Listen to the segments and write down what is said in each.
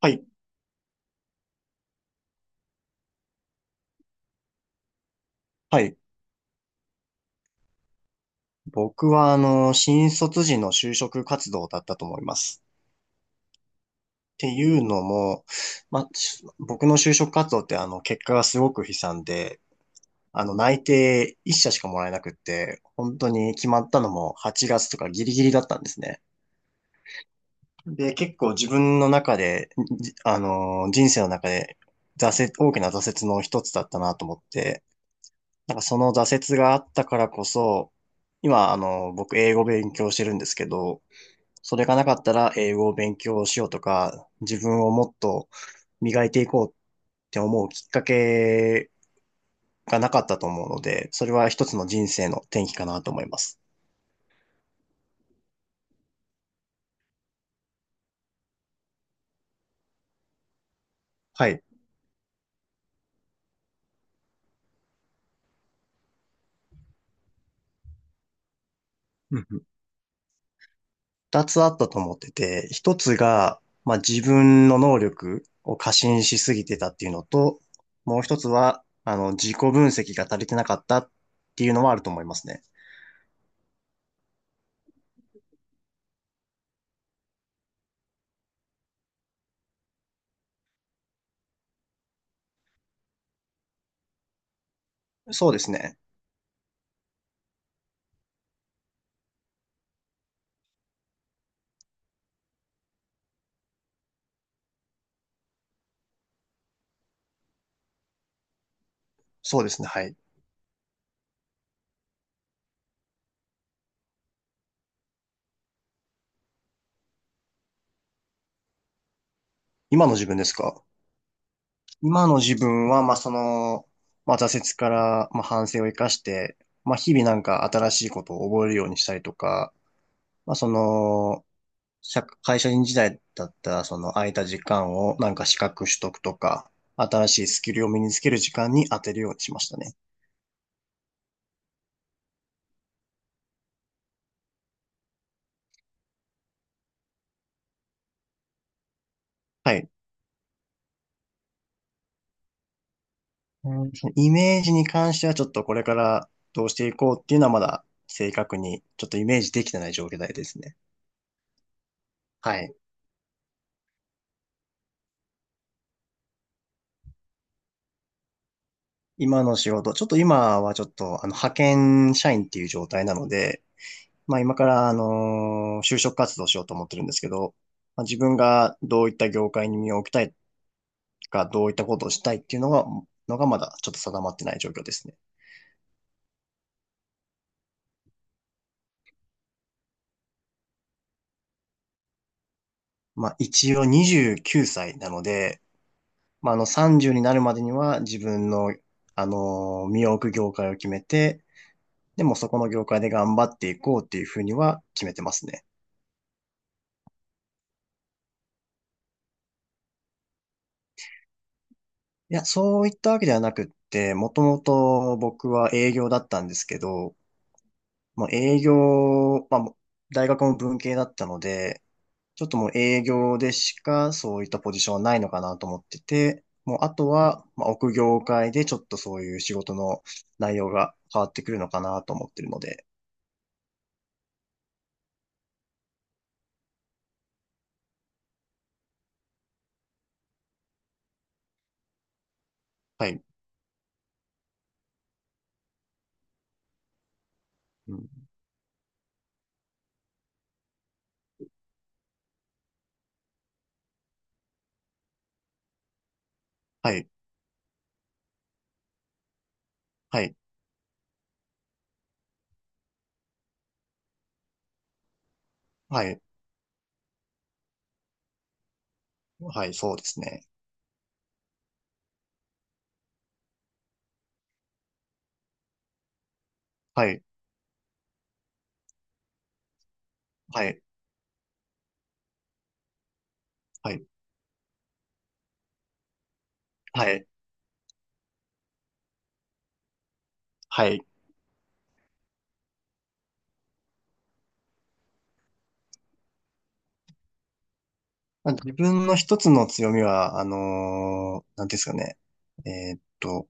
はい。はい。僕は、新卒時の就職活動だったと思います。っていうのも、まあ、僕の就職活動って、結果がすごく悲惨で、内定1社しかもらえなくって、本当に決まったのも8月とかギリギリだったんですね。で、結構自分の中で、じあの、人生の中で、大きな挫折の一つだったなと思って、なんかその挫折があったからこそ、今、僕英語勉強してるんですけど、それがなかったら英語を勉強しようとか、自分をもっと磨いていこうって思うきっかけがなかったと思うので、それは一つの人生の転機かなと思います。はい。うんうん。二つあったと思ってて、一つが、まあ、自分の能力を過信しすぎてたっていうのと、もう一つは、自己分析が足りてなかったっていうのはあると思いますね。そうですね。そうですね。はい。今の自分ですか？今の自分は、まあ、その、まあ、挫折から、まあ、反省を生かして、まあ、日々なんか新しいことを覚えるようにしたりとか、まあ、その、社員時代だったら、その空いた時間をなんか資格取得とか、新しいスキルを身につける時間に当てるようにしましたね。はい。うん、そのイメージに関してはちょっとこれからどうしていこうっていうのはまだ正確にちょっとイメージできてない状態ですね。はい。今の仕事、ちょっと今はちょっと、派遣社員っていう状態なので、まあ今から、就職活動しようと思ってるんですけど、まあ、自分がどういった業界に身を置きたいか、どういったことをしたいっていうのが、まだちょっと定まってない状況ですね。まあ一応29歳なので、まあ30になるまでには自分の、身を置く業界を決めて、でもそこの業界で頑張っていこうっていうふうには決めてますね。いや、そういったわけではなくって、もともと僕は営業だったんですけど、もう営業、まあ、もう大学も文系だったので、ちょっともう営業でしかそういったポジションはないのかなと思ってて、もうあとは、まあ、奥業界でちょっとそういう仕事の内容が変わってくるのかなと思ってるので、はい、うん、はい、はい、はい、はい、そうですね。はい、はい、はい、はい、はい。まあ自分の一つの強みは、なんていうんですかね。えーっと、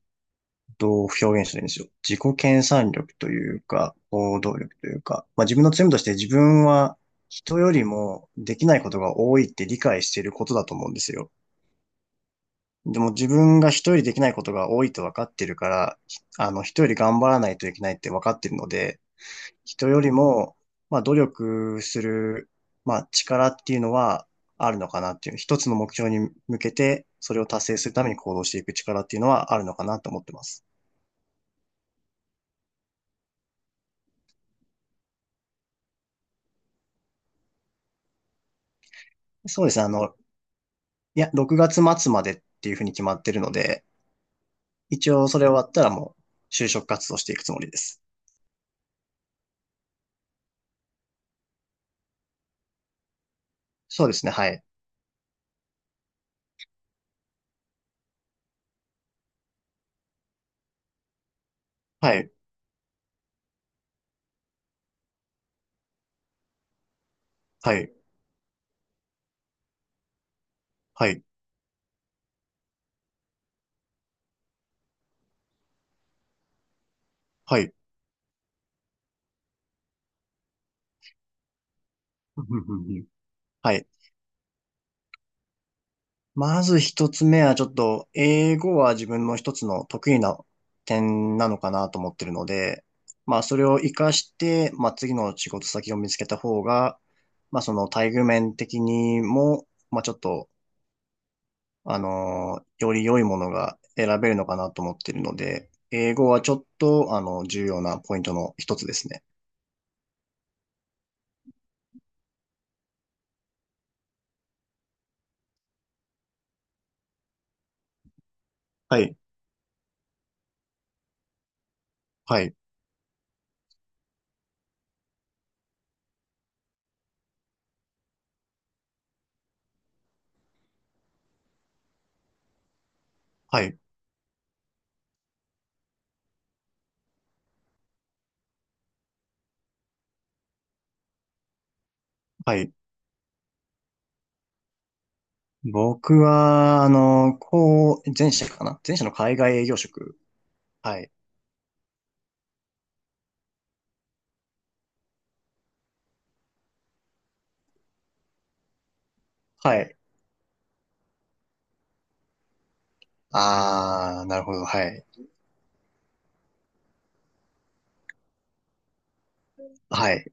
どう表現したらいいんでしょう。自己研鑽力というか、行動力というか、まあ自分の強みとして自分は人よりもできないことが多いって理解していることだと思うんですよ。でも自分が人よりできないことが多いと分かってるから、人より頑張らないといけないって分かってるので、人よりも、まあ、努力する、まあ、力っていうのはあるのかなっていう、一つの目標に向けて、それを達成するために行動していく力っていうのはあるのかなと思ってます。そうですね、いや、6月末までっていうふうに決まってるので、一応それ終わったらもう就職活動していくつもりです。そうですね、はい。はい、はい、はい、はい。うんうんうんうん。はい。まず一つ目はちょっと、英語は自分の一つの得意な点なのかなと思ってるので、まあそれを活かして、まあ次の仕事先を見つけた方が、まあその待遇面的にも、まあちょっと、より良いものが選べるのかなと思ってるので、英語はちょっと、重要なポイントの一つですね。はい、はい、はい、はい。僕は、こう、前者の海外営業職。はい。はい。ああ、なるほど。はい。はい。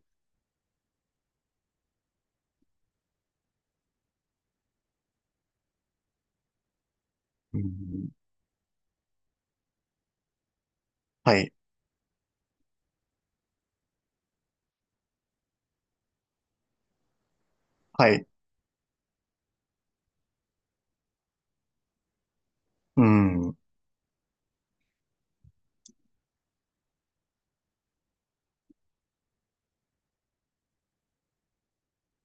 うん、はい。はい。うん。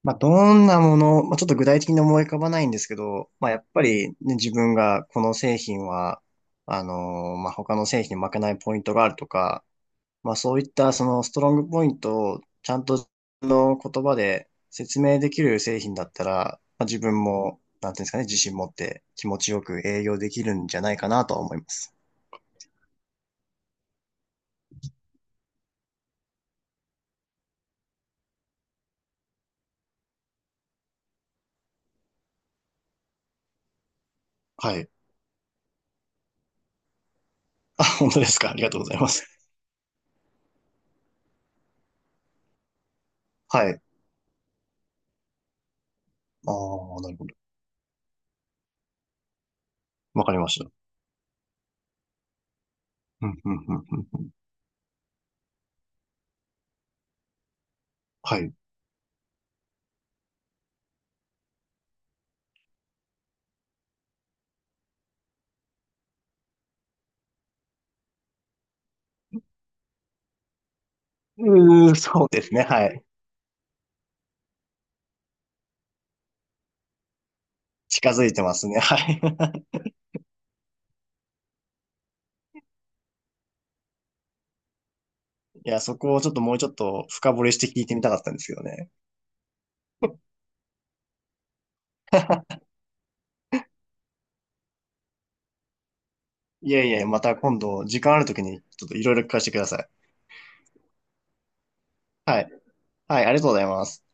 まあ、どんなもの、まあ、ちょっと具体的に思い浮かばないんですけど、まあ、やっぱり、ね、自分がこの製品は、まあ、他の製品に負けないポイントがあるとか、まあ、そういったそのストロングポイントをちゃんとの言葉で説明できる製品だったら、まあ、自分も、なんていうんですかね、自信持って気持ちよく営業できるんじゃないかなとは思います。はい。あ、本当ですか。ありがとうございます。はい。ああ、なるほど。わかりました。うん、うん、うん、うん。はい。うー、そうですね。はい。近づいてますね。はい。いや、そこをちょっともうちょっと深掘りして聞いてみたかったんですけどね。いやいや、また今度時間あるときにちょっといろいろ聞かせてください。はい。はい、ありがとうございます。